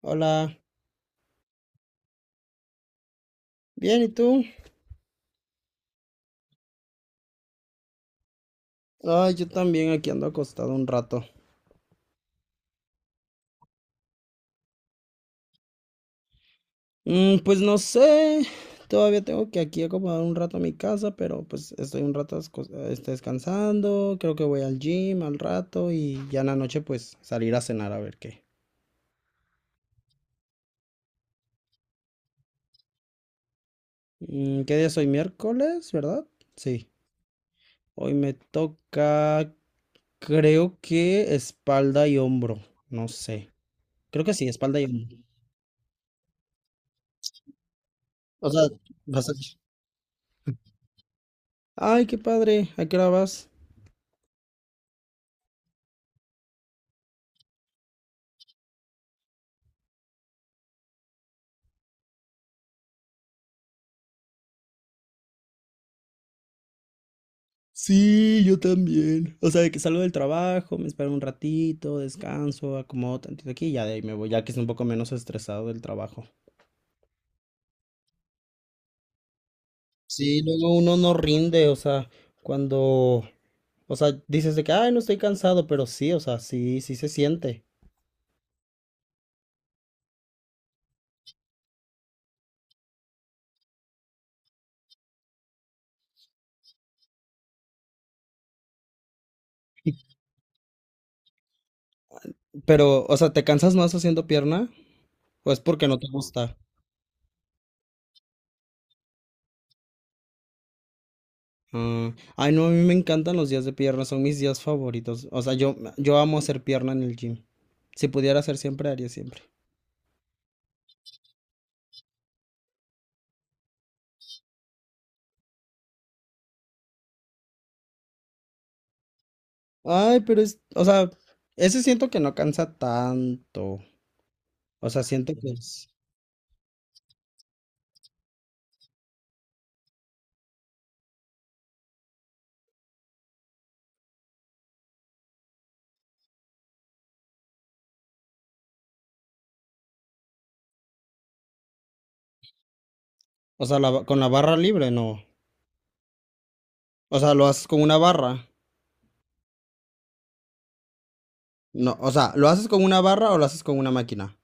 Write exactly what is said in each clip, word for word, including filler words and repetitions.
Hola, bien, ¿y tú? Ay, yo también aquí ando acostado un rato. Mm, pues no sé, todavía tengo que aquí acomodar un rato a mi casa, pero pues estoy un rato asco- este, descansando, creo que voy al gym al rato y ya en la noche pues salir a cenar a ver qué. Mm, ¿qué día es hoy? Miércoles, ¿verdad? Sí, hoy me toca, creo que espalda y hombro, no sé. Creo que sí, espalda y hombro. O sea, vas a-. Ay, qué padre, ¿a qué hora vas? Sí, yo también. O sea, de que salgo del trabajo, me espero un ratito, descanso, acomodo tantito aquí y ya de ahí me voy, ya que es un poco menos estresado del trabajo. Sí, luego uno no rinde, o sea, cuando, o sea, dices de que, ay, no estoy cansado, pero sí, o sea, sí, sí se siente. Pero, o sea, ¿te cansas más haciendo pierna? ¿O es porque no te gusta? Ah, ay, no, a mí me encantan los días de pierna, son mis días favoritos. O sea, yo, yo amo hacer pierna en el gym. Si pudiera hacer siempre, haría siempre. Ay, pero es, o sea, ese siento que no cansa tanto. O sea, siento que es, o sea, la ba- con la barra libre, no. O sea, lo haces con una barra. No, o sea, ¿lo haces con una barra o lo haces con una máquina?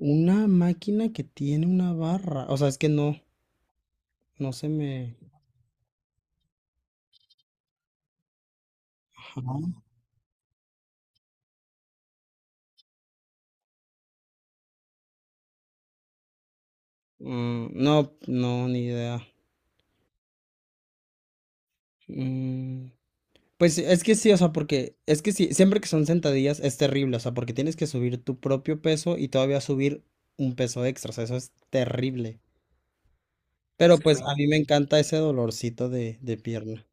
Una máquina que tiene una barra. O sea, es que no, no se me... Ajá. Mm, no, no, ni idea. Mm, pues es que sí, o sea, porque es que sí, siempre que son sentadillas es terrible, o sea, porque tienes que subir tu propio peso y todavía subir un peso extra, o sea, eso es terrible. Pero pues no. A mí me encanta ese dolorcito de, de pierna.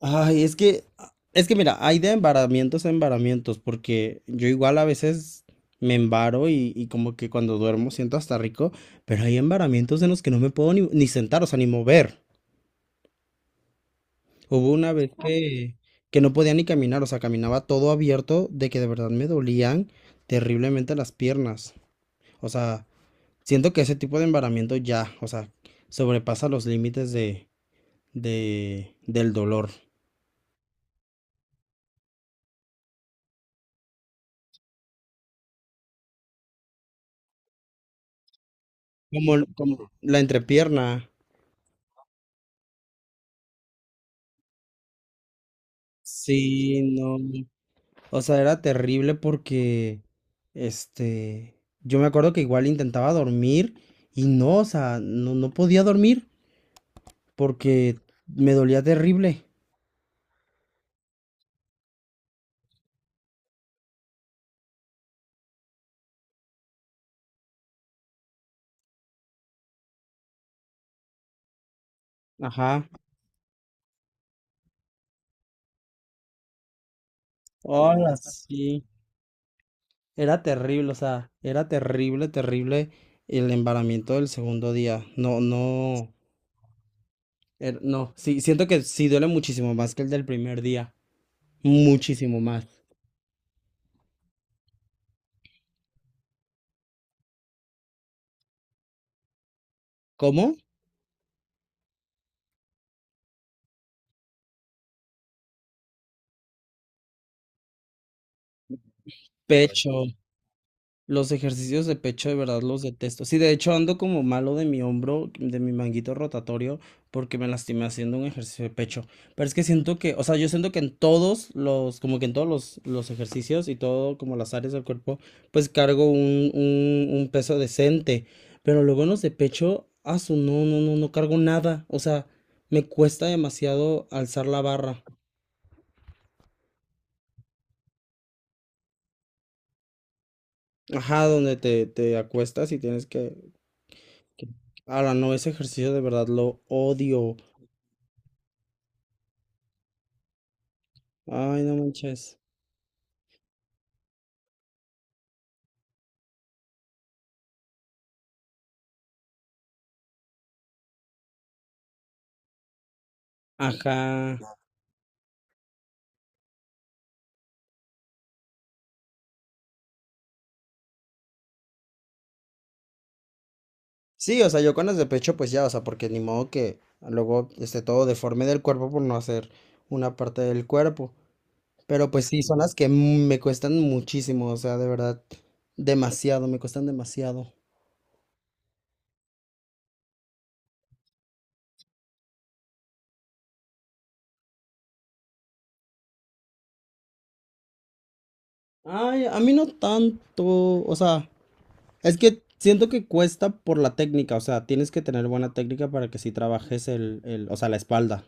Ay, es que, es que mira, hay de embaramientos a embaramientos, porque yo igual a veces me embaro y, y como que cuando duermo siento hasta rico, pero hay embaramientos en los que no me puedo ni, ni sentar, o sea, ni mover. Hubo una vez que, que no podía ni caminar, o sea, caminaba todo abierto de que de verdad me dolían terriblemente las piernas. O sea, siento que ese tipo de embaramiento ya, o sea, sobrepasa los límites de, del dolor. Como, como la entrepierna. Sí, no. O sea, era terrible porque, este, yo me acuerdo que igual intentaba dormir y no, o sea, no, no podía dormir porque me dolía terrible. Ajá. Hola, sí. Era terrible, o sea, era terrible, terrible el embaramiento del segundo día. No, no, er- no. Sí, siento que sí duele muchísimo más que el del primer día. Muchísimo más. ¿Cómo? Pecho. No. Los ejercicios de pecho de verdad los detesto. Sí, de hecho ando como malo de mi hombro, de mi manguito rotatorio, porque me lastimé haciendo un ejercicio de pecho. Pero es que siento que, o sea, yo siento que en todos los, como que en todos los, los ejercicios y todo, como las áreas del cuerpo, pues cargo un, un, un peso decente. Pero luego en los de pecho, asu, no, no, no, no cargo nada. O sea, me cuesta demasiado alzar la barra. Ajá, donde te, te acuestas y tienes que que- Ahora no, ese ejercicio de verdad lo odio. Ay, no manches. Ajá. Sí, o sea, yo con las de pecho, pues ya, o sea, porque ni modo que luego esté todo deforme del cuerpo por no hacer una parte del cuerpo. Pero pues sí, son las que mm, me cuestan muchísimo, o sea, de verdad, demasiado, me cuestan demasiado. Ay, a mí no tanto, o sea, es que siento que cuesta por la técnica, o sea, tienes que tener buena técnica para que sí trabajes el, el, o sea, la espalda.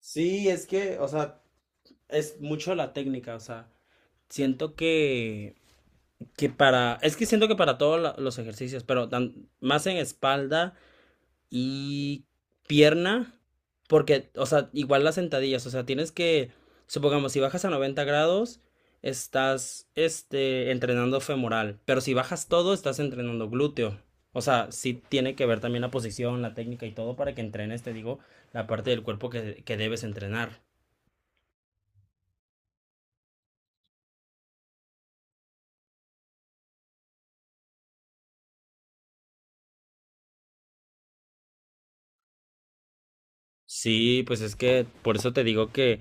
Sí, es que, o sea, es mucho la técnica, o sea, siento que, que para, es que siento que para todos la- los ejercicios, pero tan- más en espalda y pierna, porque, o sea, igual las sentadillas, o sea, tienes que, supongamos, si bajas a noventa grados, estás, este, entrenando femoral, pero si bajas todo, estás entrenando glúteo. O sea, sí tiene que ver también la posición, la técnica y todo para que entrenes, te digo, la parte del cuerpo que, que, debes entrenar. Sí, pues es que por eso te digo que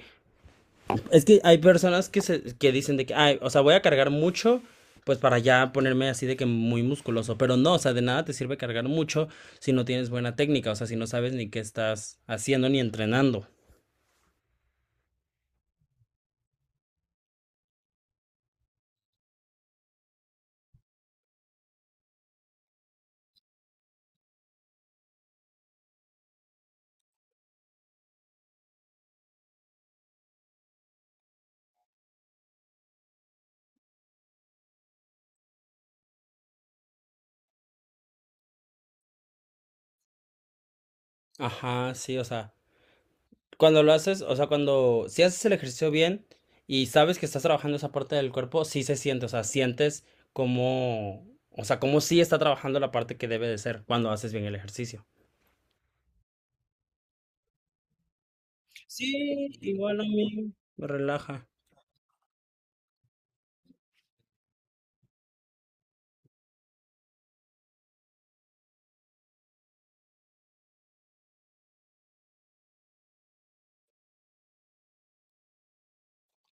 es que hay personas que se que dicen de que, ay, o sea, voy a cargar mucho, pues para ya ponerme así de que muy musculoso, pero no, o sea, de nada te sirve cargar mucho si no tienes buena técnica, o sea, si no sabes ni qué estás haciendo ni entrenando. Ajá, sí, o sea, cuando lo haces, o sea, cuando si haces el ejercicio bien y sabes que estás trabajando esa parte del cuerpo, sí se siente, o sea, sientes como, o sea, como sí está trabajando la parte que debe de ser cuando haces bien el ejercicio. Sí, igual a mí me relaja.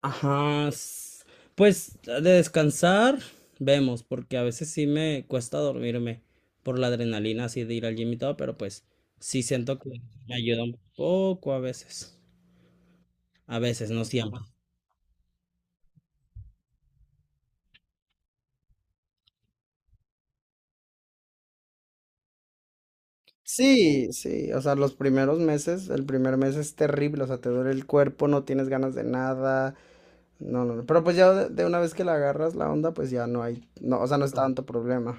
Ajá. s- Pues de descansar, vemos, porque a veces sí me cuesta dormirme por la adrenalina así de ir al gym y todo, pero pues sí siento que me ayuda un poco a veces. A veces, no siempre. Sí, sí, o sea, los primeros meses, el primer mes es terrible, o sea, te duele el cuerpo, no tienes ganas de nada, no, no, no, pero pues ya de, de una vez que la agarras la onda, pues ya no hay, no, o sea, no es tanto problema.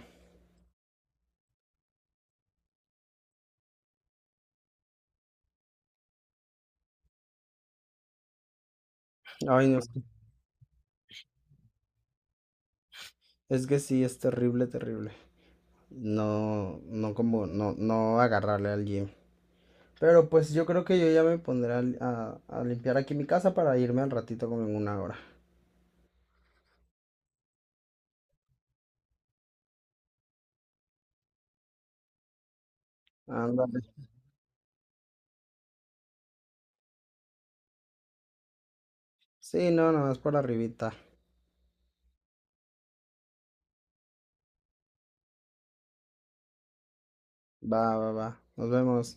Ay, no. Es que sí, es terrible, terrible. No, no como, no, no agarrarle al gym. Pero pues yo creo que yo ya me pondré a, li- a- a limpiar aquí mi casa para irme al ratito como en una hora. Ándale. Sí, Rivita. Va, va, va. Nos vemos.